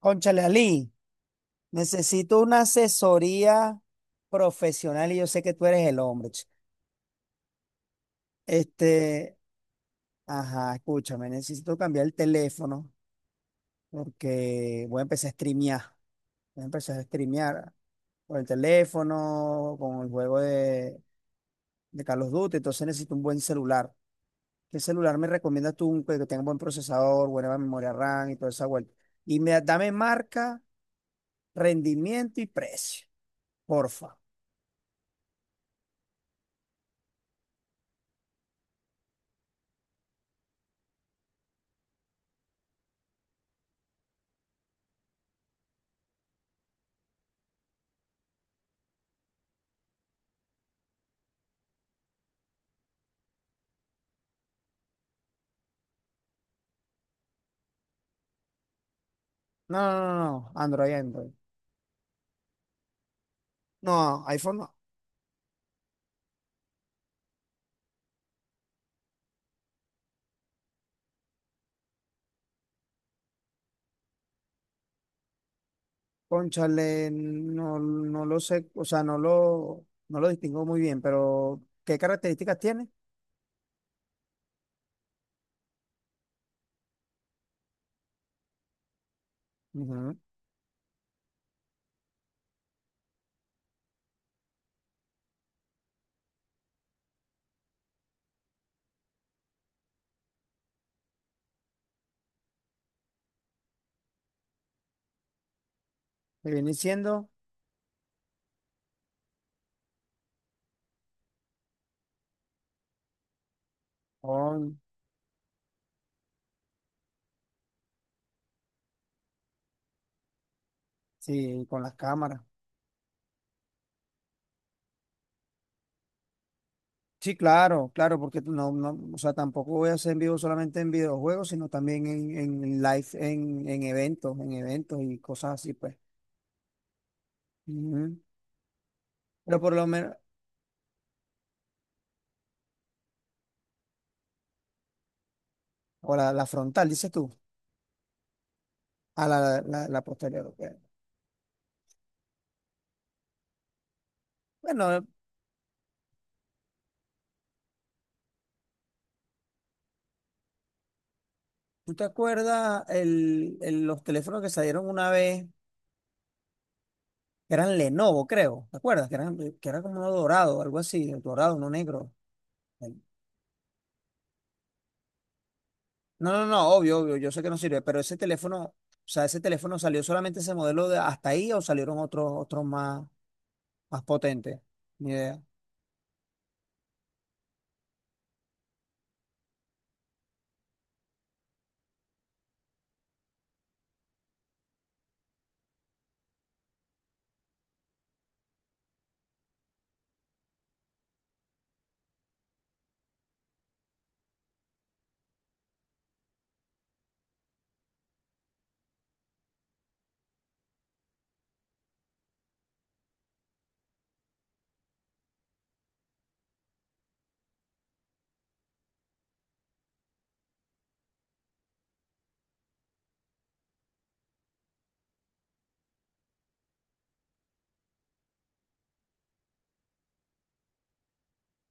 Cónchale, Ali, necesito una asesoría profesional y yo sé que tú eres el hombre. Este, ajá, escúchame, necesito cambiar el teléfono porque voy a empezar a streamear. Voy a empezar a streamear por el teléfono, con el juego de Call of Duty. Entonces necesito un buen celular. ¿Qué celular me recomiendas tú que tenga buen procesador, buena memoria RAM y toda esa vuelta? Dame marca, rendimiento y precio, porfa. No, no, no, no, Android, Android. No, iPhone no. Cónchale, no, no lo sé, o sea, no lo distingo muy bien, pero ¿qué características tiene? Ujú. Me viene diciendo, con, sí, con las cámaras. Sí, claro, claro, porque tú no, no, o sea, tampoco voy a hacer en vivo solamente en videojuegos, sino también en live, en eventos y cosas así, pues. Ujú. Pero por lo menos, o la frontal, dices tú. A la posterior. Ok. Bueno, ¿tú te acuerdas los teléfonos que salieron una vez? Que eran Lenovo, creo. ¿Te acuerdas? Que eran, que era como uno dorado, algo así, dorado, no negro. El- No, no, no, obvio, obvio, yo sé que no sirve, pero ese teléfono, o sea, ese teléfono salió solamente ese modelo de hasta ahí, o salieron otros, otros más, más potentes. Ni idea.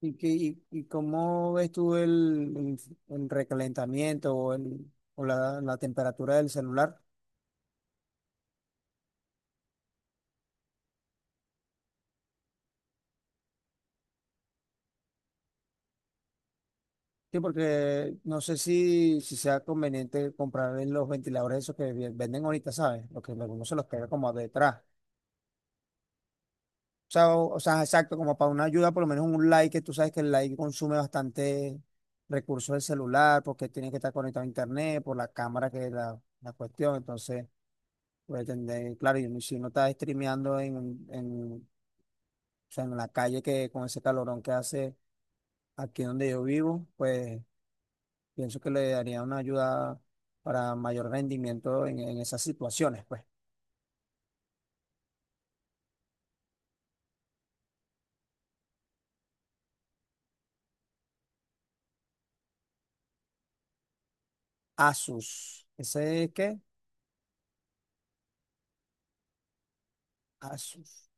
¿Y cómo ves tú el recalentamiento, o la temperatura del celular? Sí, porque no sé si sea conveniente comprar los ventiladores esos que venden ahorita, ¿sabes? Los que algunos se los pega como detrás. O sea, o sea, exacto, como para una ayuda, por lo menos un like, que tú sabes que el like consume bastante recursos del celular, porque tiene que estar conectado a internet, por la cámara que es la cuestión. Entonces, puede tener, claro, y si uno está streameando o sea, en la calle, que con ese calorón que hace aquí donde yo vivo, pues pienso que le daría una ayuda para mayor rendimiento en esas situaciones, pues. Asus, ¿ese es qué? Asus,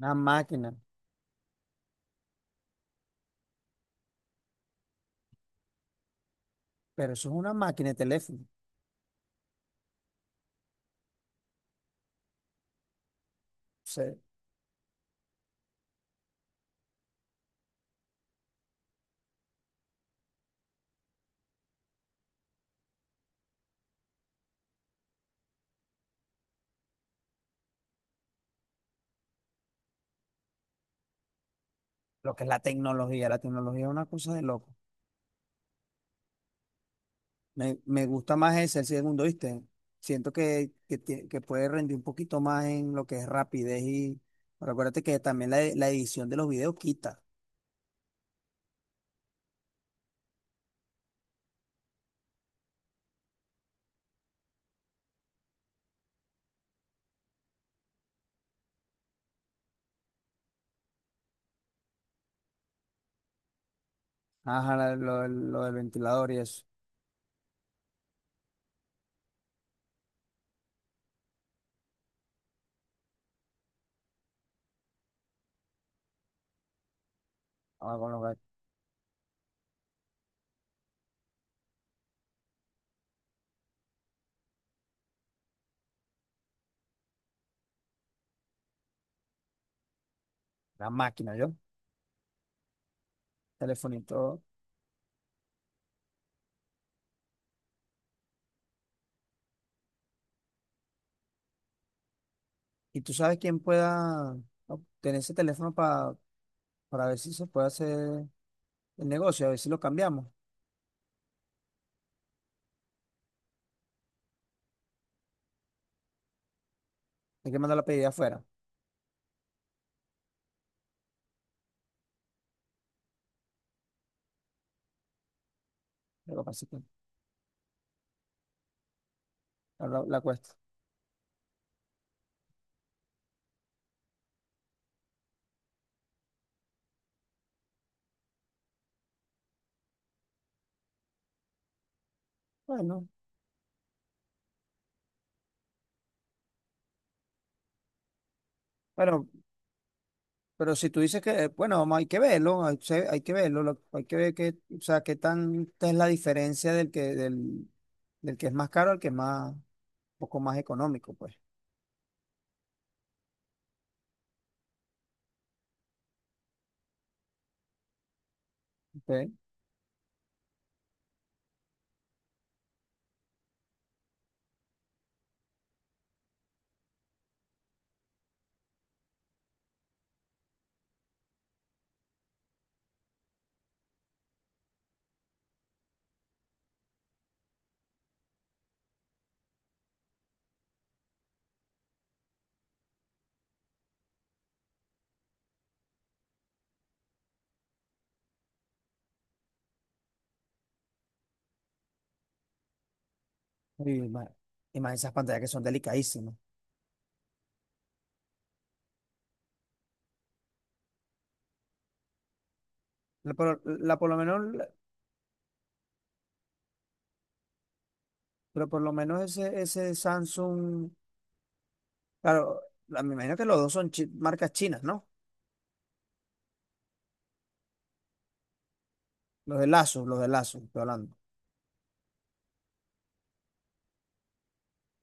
una máquina. Pero eso es una máquina de teléfono. O sea, lo que es la tecnología es una cosa de loco. Me gusta más ese, el segundo, ¿viste? Siento que puede rendir un poquito más en lo que es rapidez. Y pero acuérdate que también la edición de los videos quita. Ajá, lo del ventilador y eso. Ahora con lo que- la máquina, yo, telefonito. ¿Y tú sabes quién pueda obtener ese teléfono para ver si se puede hacer el negocio, a ver si lo cambiamos? Hay que mandar la pedida afuera. Lo que pasa es que la cuesta. Bueno, pero, pero si tú dices que, bueno, vamos, hay que verlo. Hay que verlo. Hay que ver qué, o sea, qué tanta es la diferencia del que es más caro al que es más, un poco más económico, pues. ¿Ok? Y más, y más esas pantallas que son delicadísimas. La por lo menos, la- Pero por lo menos ese, ese Samsung. Claro, me imagino que los dos son marcas chinas, ¿no? Los de Lazo, estoy hablando.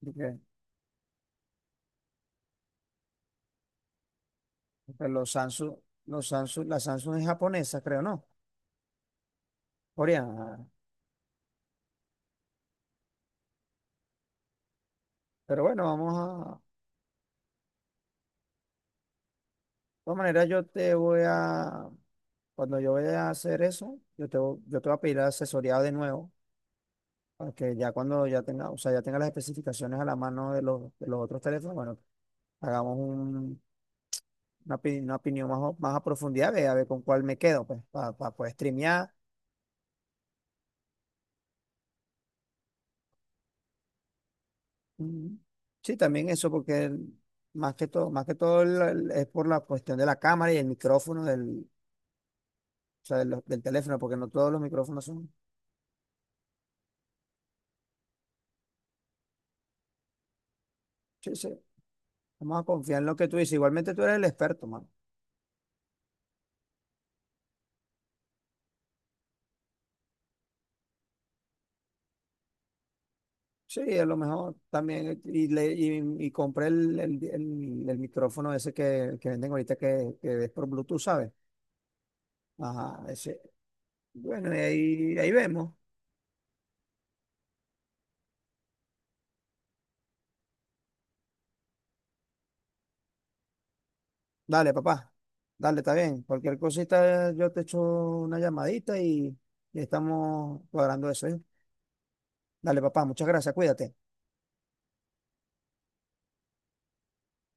Porque, porque los Samsung, la Samsung es japonesa, creo, ¿no? Coreana. Pero bueno, vamos a. De todas maneras, yo te voy a. Cuando yo vaya a hacer eso, yo te voy a pedir asesoría de nuevo. Para que ya cuando ya tenga, o sea, ya tenga las especificaciones a la mano de los otros teléfonos, bueno, hagamos una opinión más, más a profundidad, ve a ver con cuál me quedo, pues, para poder streamear. Mm. Sí, también eso, porque más que todo es por la cuestión de la cámara y el micrófono o sea, del teléfono, porque no todos los micrófonos son. Sí, sí. Vamos a confiar en lo que tú dices. Igualmente tú eres el experto, mano. Sí, a lo mejor también. Y compré el micrófono ese que venden ahorita, que es por Bluetooth, ¿sabes? Ajá, ese. Bueno, y ahí vemos. Dale, papá. Dale, está bien. Cualquier cosita, yo te echo una llamadita y estamos cuadrando eso, ¿eh? Dale, papá. Muchas gracias. Cuídate.